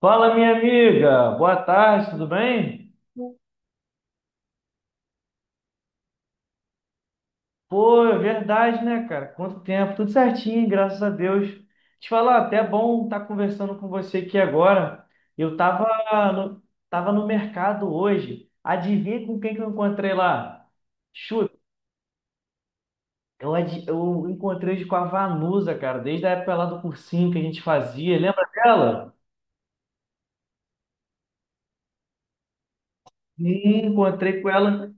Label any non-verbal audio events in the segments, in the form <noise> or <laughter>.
Fala, minha amiga. Boa tarde, tudo bem? Pô, é verdade, né, cara? Quanto tempo? Tudo certinho, graças a Deus. Te falar, até é bom estar conversando com você aqui agora. Eu tava no, no mercado hoje. Adivinha com quem que eu encontrei lá? Chuta. Eu encontrei hoje com a Vanusa, cara, desde a época lá do cursinho que a gente fazia. Lembra dela? Sim, encontrei com ela.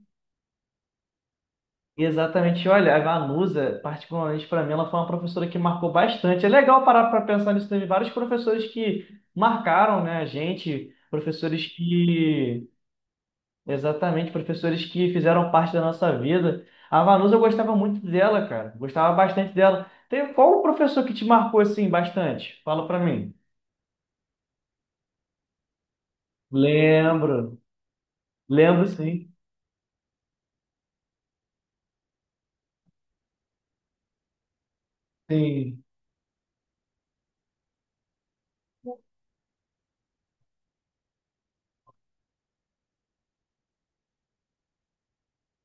Exatamente, olha, a Vanusa, particularmente para mim, ela foi uma professora que marcou bastante. É legal parar para pensar nisso, teve vários professores que marcaram, né, a gente, exatamente, professores que fizeram parte da nossa vida. A Vanusa, eu gostava muito dela, cara, gostava bastante dela. Tem qual o professor que te marcou assim bastante? Fala para mim. Lembro, lembro, sim, sim.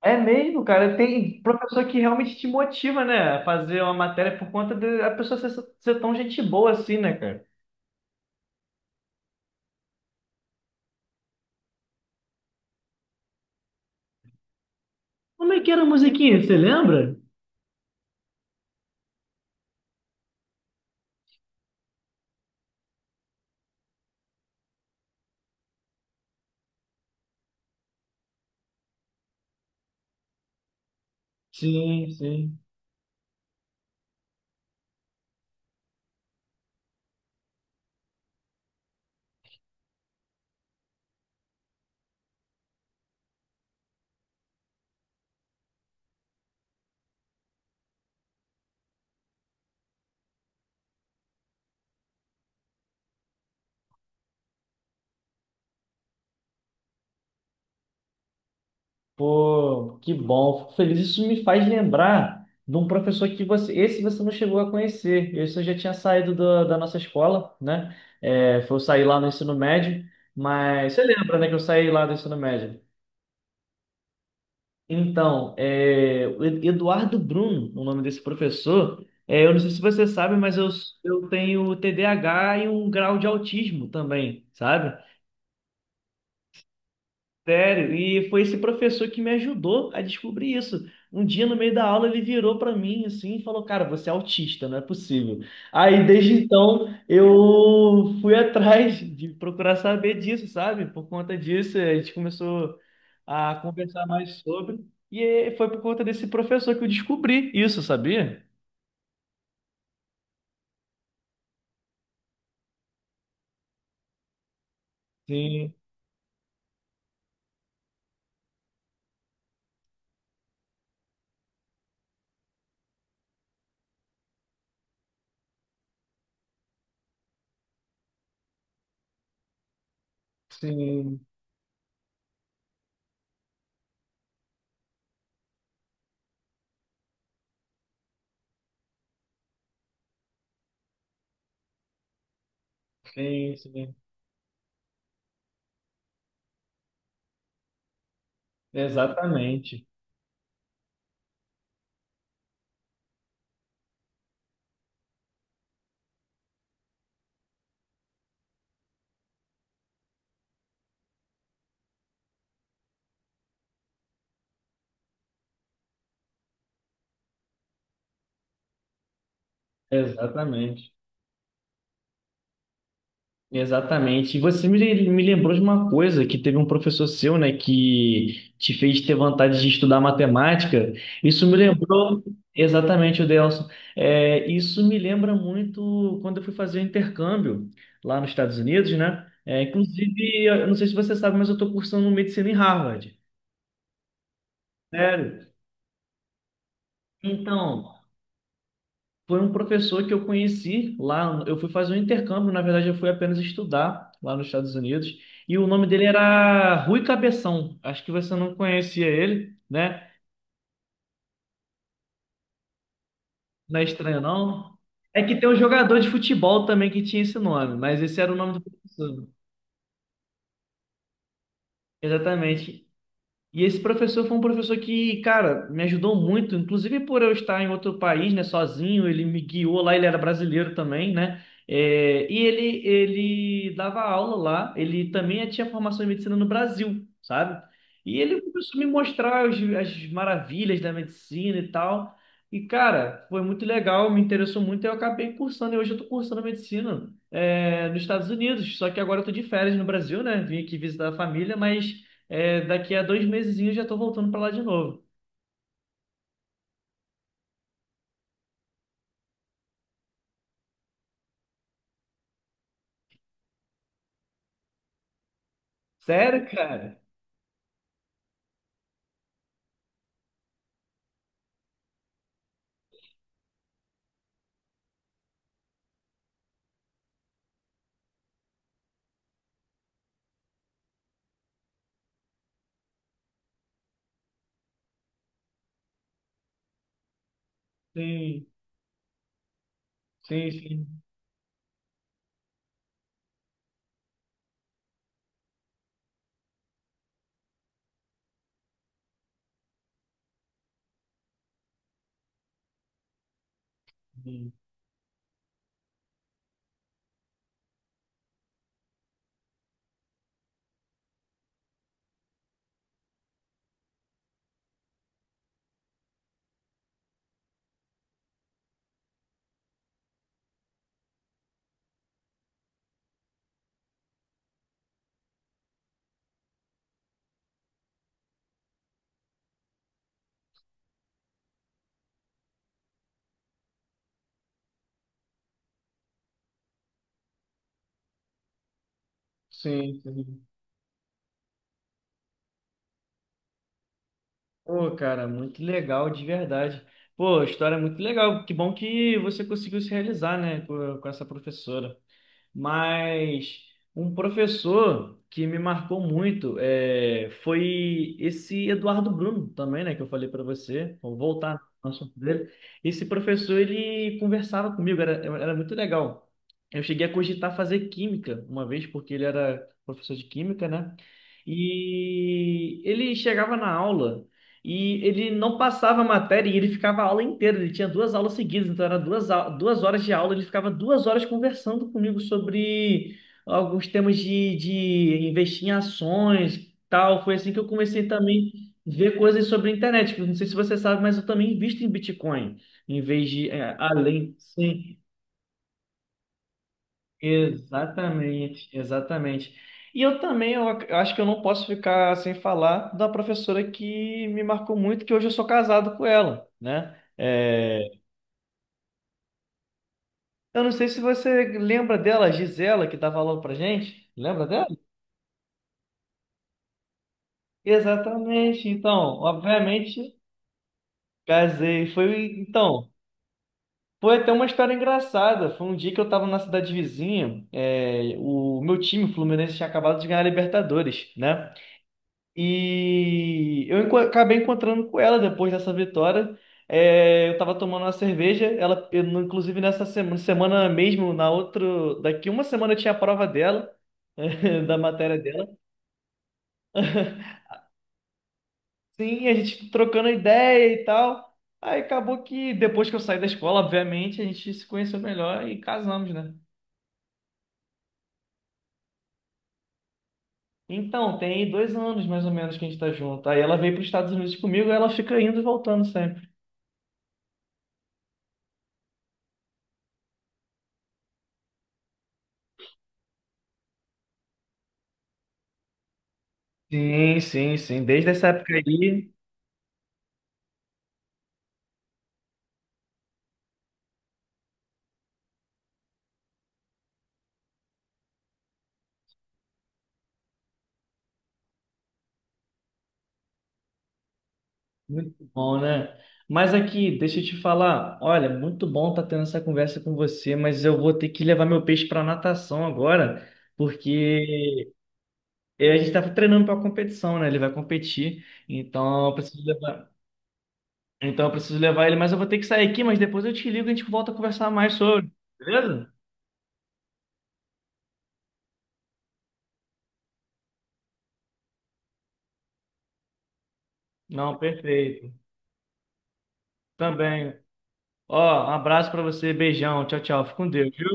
É mesmo, cara. Tem professor que realmente te motiva, né? A fazer uma matéria por conta da pessoa ser tão gente boa assim, né, cara? Como é que era a musiquinha? Você lembra? Sim, sim. Pô, que bom. Fico feliz. Isso me faz lembrar de um professor que você. Esse você não chegou a conhecer. Esse eu já tinha saído da nossa escola, né? É, foi eu sair lá no ensino médio. Mas você lembra, né, que eu saí lá do ensino médio? Então, é, o Eduardo Bruno, o nome desse professor, é, eu não sei se você sabe, mas eu tenho TDAH e um grau de autismo também, sabe? Sério, e foi esse professor que me ajudou a descobrir isso. Um dia, no meio da aula, ele virou para mim assim e falou: Cara, você é autista, não é possível. Aí, desde então, eu fui <laughs> atrás de procurar saber disso, sabe? Por conta disso, a gente começou a conversar mais sobre. E foi por conta desse professor que eu descobri isso, sabia? Sim, sim, sim, sim. Exatamente, exatamente. Exatamente. E você me lembrou de uma coisa que teve um professor seu, né, que te fez ter vontade de estudar matemática. Isso me lembrou exatamente o Delson. É, isso me lembra muito quando eu fui fazer o intercâmbio lá nos Estados Unidos, né? É, inclusive, eu não sei se você sabe, mas eu estou cursando medicina em Harvard. Sério? Então, foi um professor que eu conheci lá. Eu fui fazer um intercâmbio, na verdade, eu fui apenas estudar lá nos Estados Unidos. E o nome dele era Rui Cabeção. Acho que você não conhecia ele, né? Não é estranho, não. É que tem um jogador de futebol também que tinha esse nome, mas esse era o nome do professor. Exatamente. E esse professor foi um professor que, cara, me ajudou muito, inclusive por eu estar em outro país, né, sozinho, ele me guiou lá, ele era brasileiro também, né? É, e ele dava aula lá, ele também tinha formação em medicina no Brasil, sabe? E ele começou a me mostrar as maravilhas da medicina e tal. E, cara, foi muito legal, me interessou muito, e eu acabei cursando, e hoje eu tô cursando medicina, é, nos Estados Unidos, só que agora eu tô de férias no Brasil, né? Vim aqui visitar a família, mas. É, daqui a 2 meses eu já tô voltando pra lá de novo. Sério, cara? Sim, sim, sim. Sim, sim, sim. Pô, cara, muito legal, de verdade. Pô, a história é muito legal. Que bom que você conseguiu se realizar, né, com essa professora. Mas um professor que me marcou muito é, foi esse Eduardo Bruno também, né? Que eu falei para você. Vou voltar no assunto dele. Esse professor, ele conversava comigo, era muito legal. Eu cheguei a cogitar fazer química uma vez, porque ele era professor de química, né? E ele chegava na aula e ele não passava a matéria e ele ficava a aula inteira. Ele tinha duas aulas seguidas, então era duas horas de aula. Ele ficava 2 horas conversando comigo sobre alguns temas de investir em ações, tal. Foi assim que eu comecei também a ver coisas sobre a internet, que eu não sei se você sabe, mas eu também invisto em Bitcoin, em vez de é, além, sim. Exatamente, exatamente. E eu também, eu acho que eu não posso ficar sem falar da professora que me marcou muito, que hoje eu sou casado com ela, né? É, eu não sei se você lembra dela, a Gisela, que dava aula pra gente. Lembra dela? Exatamente. Então, obviamente, casei. Foi, então, foi até uma história engraçada. Foi um dia que eu estava na cidade vizinha, é, o meu time, o Fluminense, tinha acabado de ganhar a Libertadores, né? E acabei encontrando com ela depois dessa vitória. É, eu tava tomando uma cerveja. Ela, eu não- inclusive nessa semana, semana mesmo, na outra, daqui uma semana eu tinha a prova dela, <laughs> da matéria dela. Sim, a gente trocando ideia e tal. Aí acabou que depois que eu saí da escola, obviamente, a gente se conheceu melhor e casamos, né? Então, tem 2 anos mais ou menos que a gente tá junto. Aí ela veio para os Estados Unidos comigo, ela fica indo e voltando sempre. Sim, sim, sim. Desde essa época aí. Muito bom, né? Mas aqui, deixa eu te falar. Olha, muito bom estar tendo essa conversa com você, mas eu vou ter que levar meu peixe para natação agora, porque a gente estava treinando para a competição, né? Ele vai competir, então eu preciso levar ele, mas eu vou ter que sair aqui, mas depois eu te ligo e a gente volta a conversar mais sobre, beleza? Não, perfeito. Também. Ó, um abraço para você, beijão, tchau, tchau. Fica com Deus, viu?